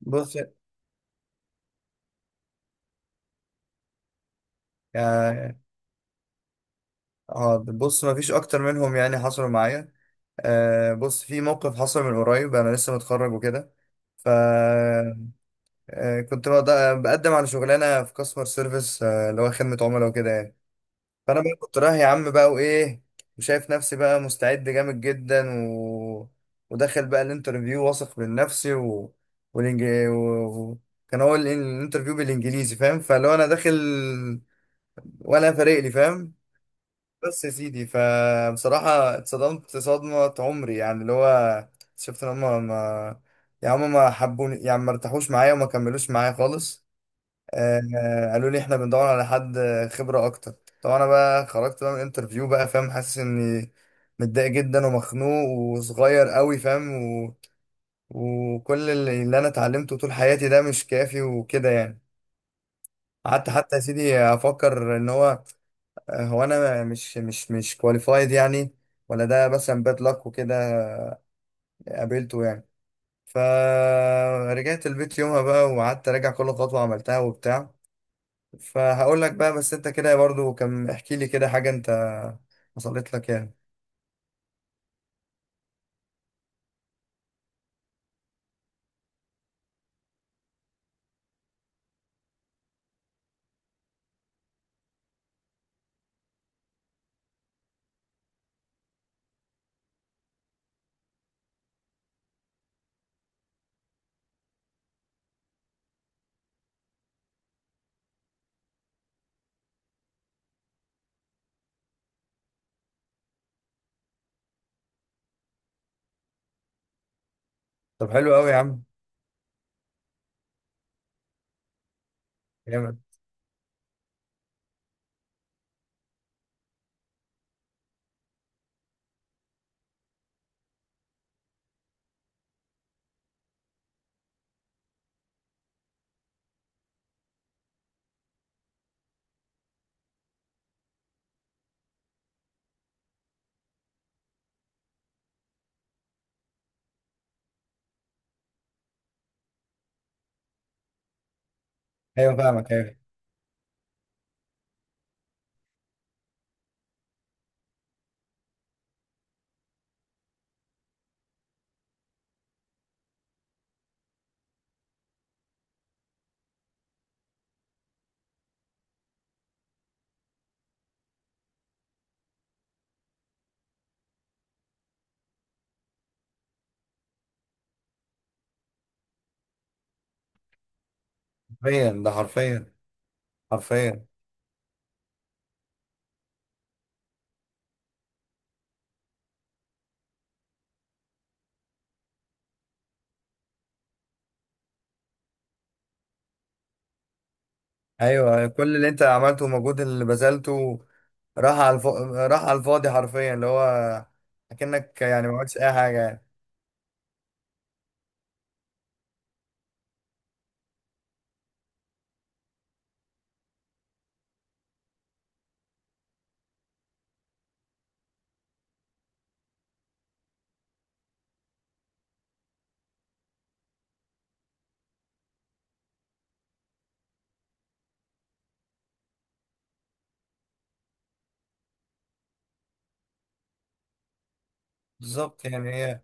بص، يعني اه، بص، ما فيش اكتر منهم يعني حصلوا معايا. آه، بص، في موقف حصل من قريب، انا لسه متخرج وكده. ف... آه، كنت بقدم على شغلانه في كاستمر سيرفيس، آه، اللي هو خدمه عملاء وكده يعني. فانا بقى كنت رايح يا عم بقى، وايه، وشايف نفسي بقى مستعد جامد جدا، و... وداخل بقى الانترفيو واثق من نفسي، و... والإنج... و... و... كان هو الانترفيو بالانجليزي، فاهم؟ فلو انا داخل ولا فارق لي، فاهم؟ بس يا سيدي، فبصراحة اتصدمت صدمة عمري، يعني اللي هو شفت ان هما ما يعني هما ما حبوني، يعني ما ارتاحوش معايا وما كملوش معايا خالص. آه آه، قالوا لي احنا بندور على حد خبرة اكتر. طبعا انا بقى خرجت بقى من الانترفيو بقى، فاهم، حاسس اني متضايق جدا ومخنوق وصغير قوي، فاهم، و... وكل اللي انا اتعلمته طول حياتي ده مش كافي وكده يعني. قعدت حتى يا سيدي افكر ان هو، هو انا مش كواليفايد يعني، ولا ده مثلا باد لك وكده قابلته يعني. فرجعت البيت يومها بقى وقعدت اراجع كل خطوة عملتها وبتاع. فهقول لك بقى، بس انت كده برضو كان احكي لي كده حاجة انت حصلت لك يعني. طب حلو قوي يا عم. جامد. ايوه، فاهمك، ايوه. حرفيا، ده حرفيا. حرفيا. ايوه، كل اللي انت عملته والمجهود اللي بذلته راح على الف... راح على الفاضي، حرفيا، اللي هو اكنك يعني ما عملتش اي حاجة يعني. بالظبط يعني، هي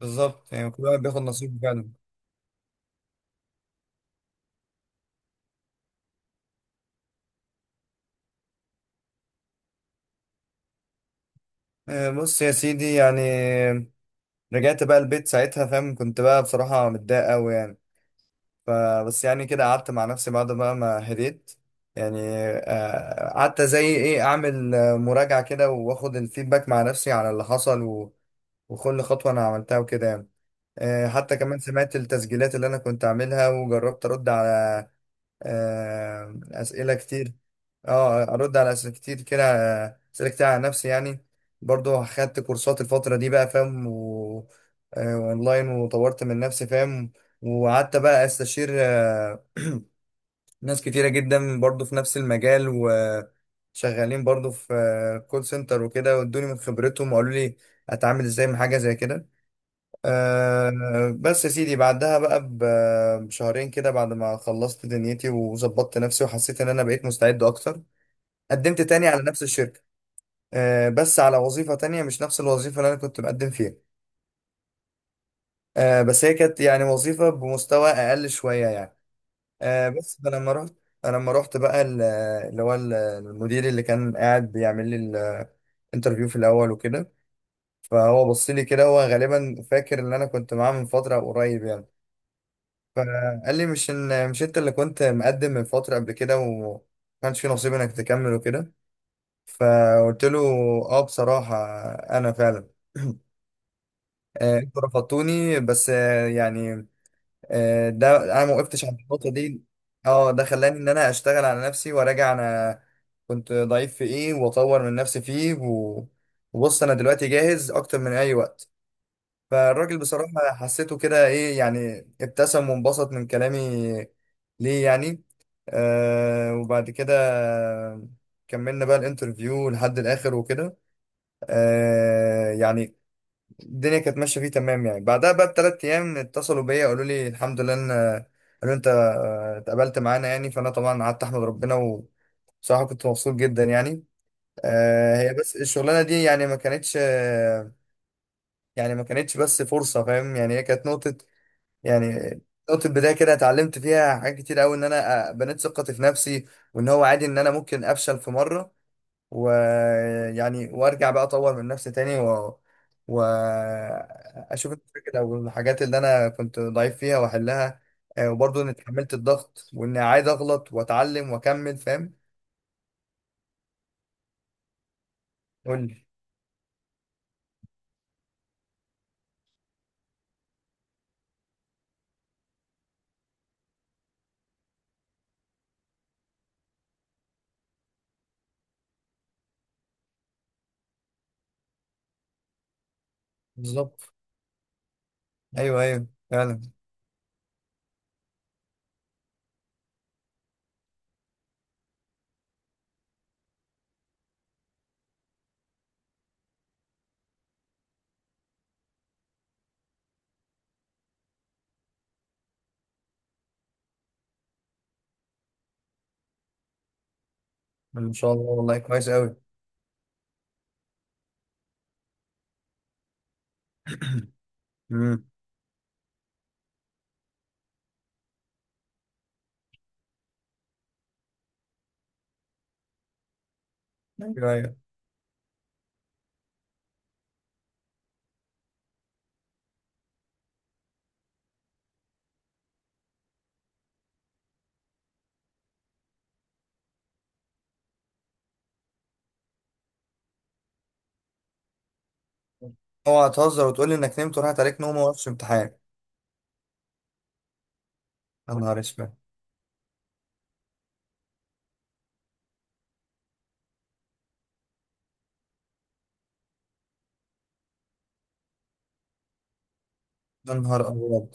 بالظبط يعني، كل واحد بياخد نصيبه فعلا. آه، بص يا سيدي يعني، رجعت بقى البيت ساعتها، فاهم، كنت بقى بصراحة متضايق أوي يعني. فبس يعني كده قعدت مع نفسي بعد بقى ما هديت يعني. آه، قعدت زي إيه أعمل آه، مراجعة كده وآخد الفيدباك مع نفسي على اللي حصل، و- وكل خطوة أنا عملتها وكده يعني. آه، حتى كمان سمعت التسجيلات اللي انا كنت عاملها، وجربت ارد على آه، أسئلة كتير. اه، أرد على أسئلة كتير كده. آه، أسئلة كتير على نفسي يعني. برضو خدت كورسات الفترة دي بقى، فاهم، و... آه، أونلاين، وطورت من نفسي، فاهم. وقعدت بقى أستشير، آه، ناس كتيرة جدا برضو في نفس المجال وشغالين، برضو في كول سنتر وكده، وادوني من خبرتهم وقالوا لي أتعامل إزاي مع حاجة زي كده. أه، بس يا سيدي، بعدها بقى بشهرين كده، بعد ما خلصت دنيتي وظبطت نفسي وحسيت ان انا بقيت مستعد اكتر، قدمت تاني على نفس الشركة. أه، بس على وظيفة تانية، مش نفس الوظيفة اللي انا كنت مقدم فيها. أه، بس هي كانت يعني وظيفة بمستوى اقل شوية يعني. أه، بس فلما رحت، لما رحت بقى ال- اللي هو المدير اللي كان قاعد بيعمل لي الانترفيو في الاول وكده، فهو بص لي كده، هو غالبا فاكر ان انا كنت معاه من فترة قريب يعني. فقال لي مش، ان مش انت اللي كنت مقدم من فترة قبل كده، وما كانش في نصيب انك تكمل وكده. فقلت له: اه، بصراحة انا فعلا آه، انتوا رفضتوني، بس آه، يعني آه، ده انا ما وقفتش عند النقطة دي. اه، ده خلاني ان انا اشتغل على نفسي وراجع انا كنت ضعيف في ايه، واطور من نفسي فيه، و- وبص انا دلوقتي جاهز اكتر من اي وقت. فالراجل بصراحة حسيته كده ايه، يعني ابتسم وانبسط من كلامي ليه يعني. آه، وبعد كده كملنا بقى الانترفيو لحد الاخر وكده. آه، يعني الدنيا كانت ماشية فيه تمام يعني. بعدها بقى ب3 ايام اتصلوا بيا، قالوا لي الحمد لله، ان قالوا انت آه، اتقبلت معانا يعني. فانا طبعا قعدت احمد ربنا، وبصراحة كنت مبسوط جدا يعني. آه، هي بس الشغلانة دي يعني ما كانتش، آه، يعني ما كانتش بس فرصة، فاهم، يعني هي كانت نقطة، يعني نقطة بداية كده اتعلمت فيها حاجات كتير قوي، ان انا آه، بنيت ثقتي في نفسي، وان هو عادي ان انا ممكن افشل في مرة، ويعني وارجع بقى اطور من نفسي تاني، و واشوف الفكرة او الحاجات اللي انا كنت ضعيف فيها واحلها. آه، وبرضه اني اتحملت الضغط، واني عايز اغلط واتعلم واكمل، فاهم. قول لي. بالظبط. ايوه، ايوه فعلا. ان شاء الله، والله كويس قوي. امم. ايوه ايوه. اوعى تهزر وتقول لي انك نمت وراحت عليك نوم وما وقفتش امتحان! يا نهار اسود! يا نهار ابيض!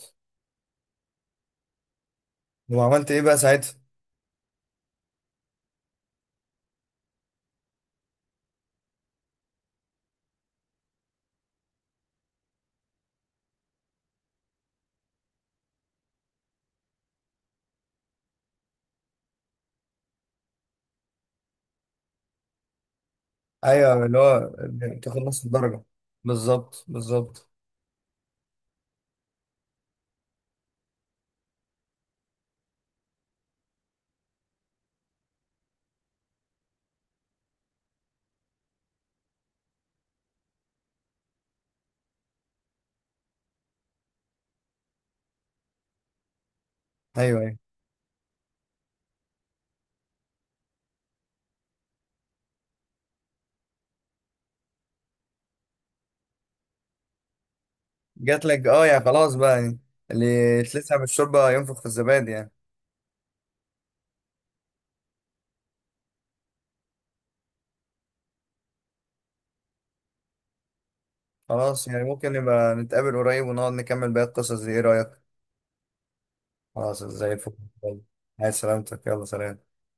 وعملت ايه بقى ساعتها؟ ايوه، اللي هو تاخد نص الدرجه. بالظبط بالظبط. ايوه ايوه. جات لك اه يعني، خلاص بقى يعني. اللي اتلسع بالشوربه ينفخ في الزبادي يعني. خلاص، يعني ممكن نبقى نتقابل قريب ونقعد نكمل باقي القصص دي، ايه رايك؟ خلاص، زي الفل. عايز سلامتك، يلا سلام.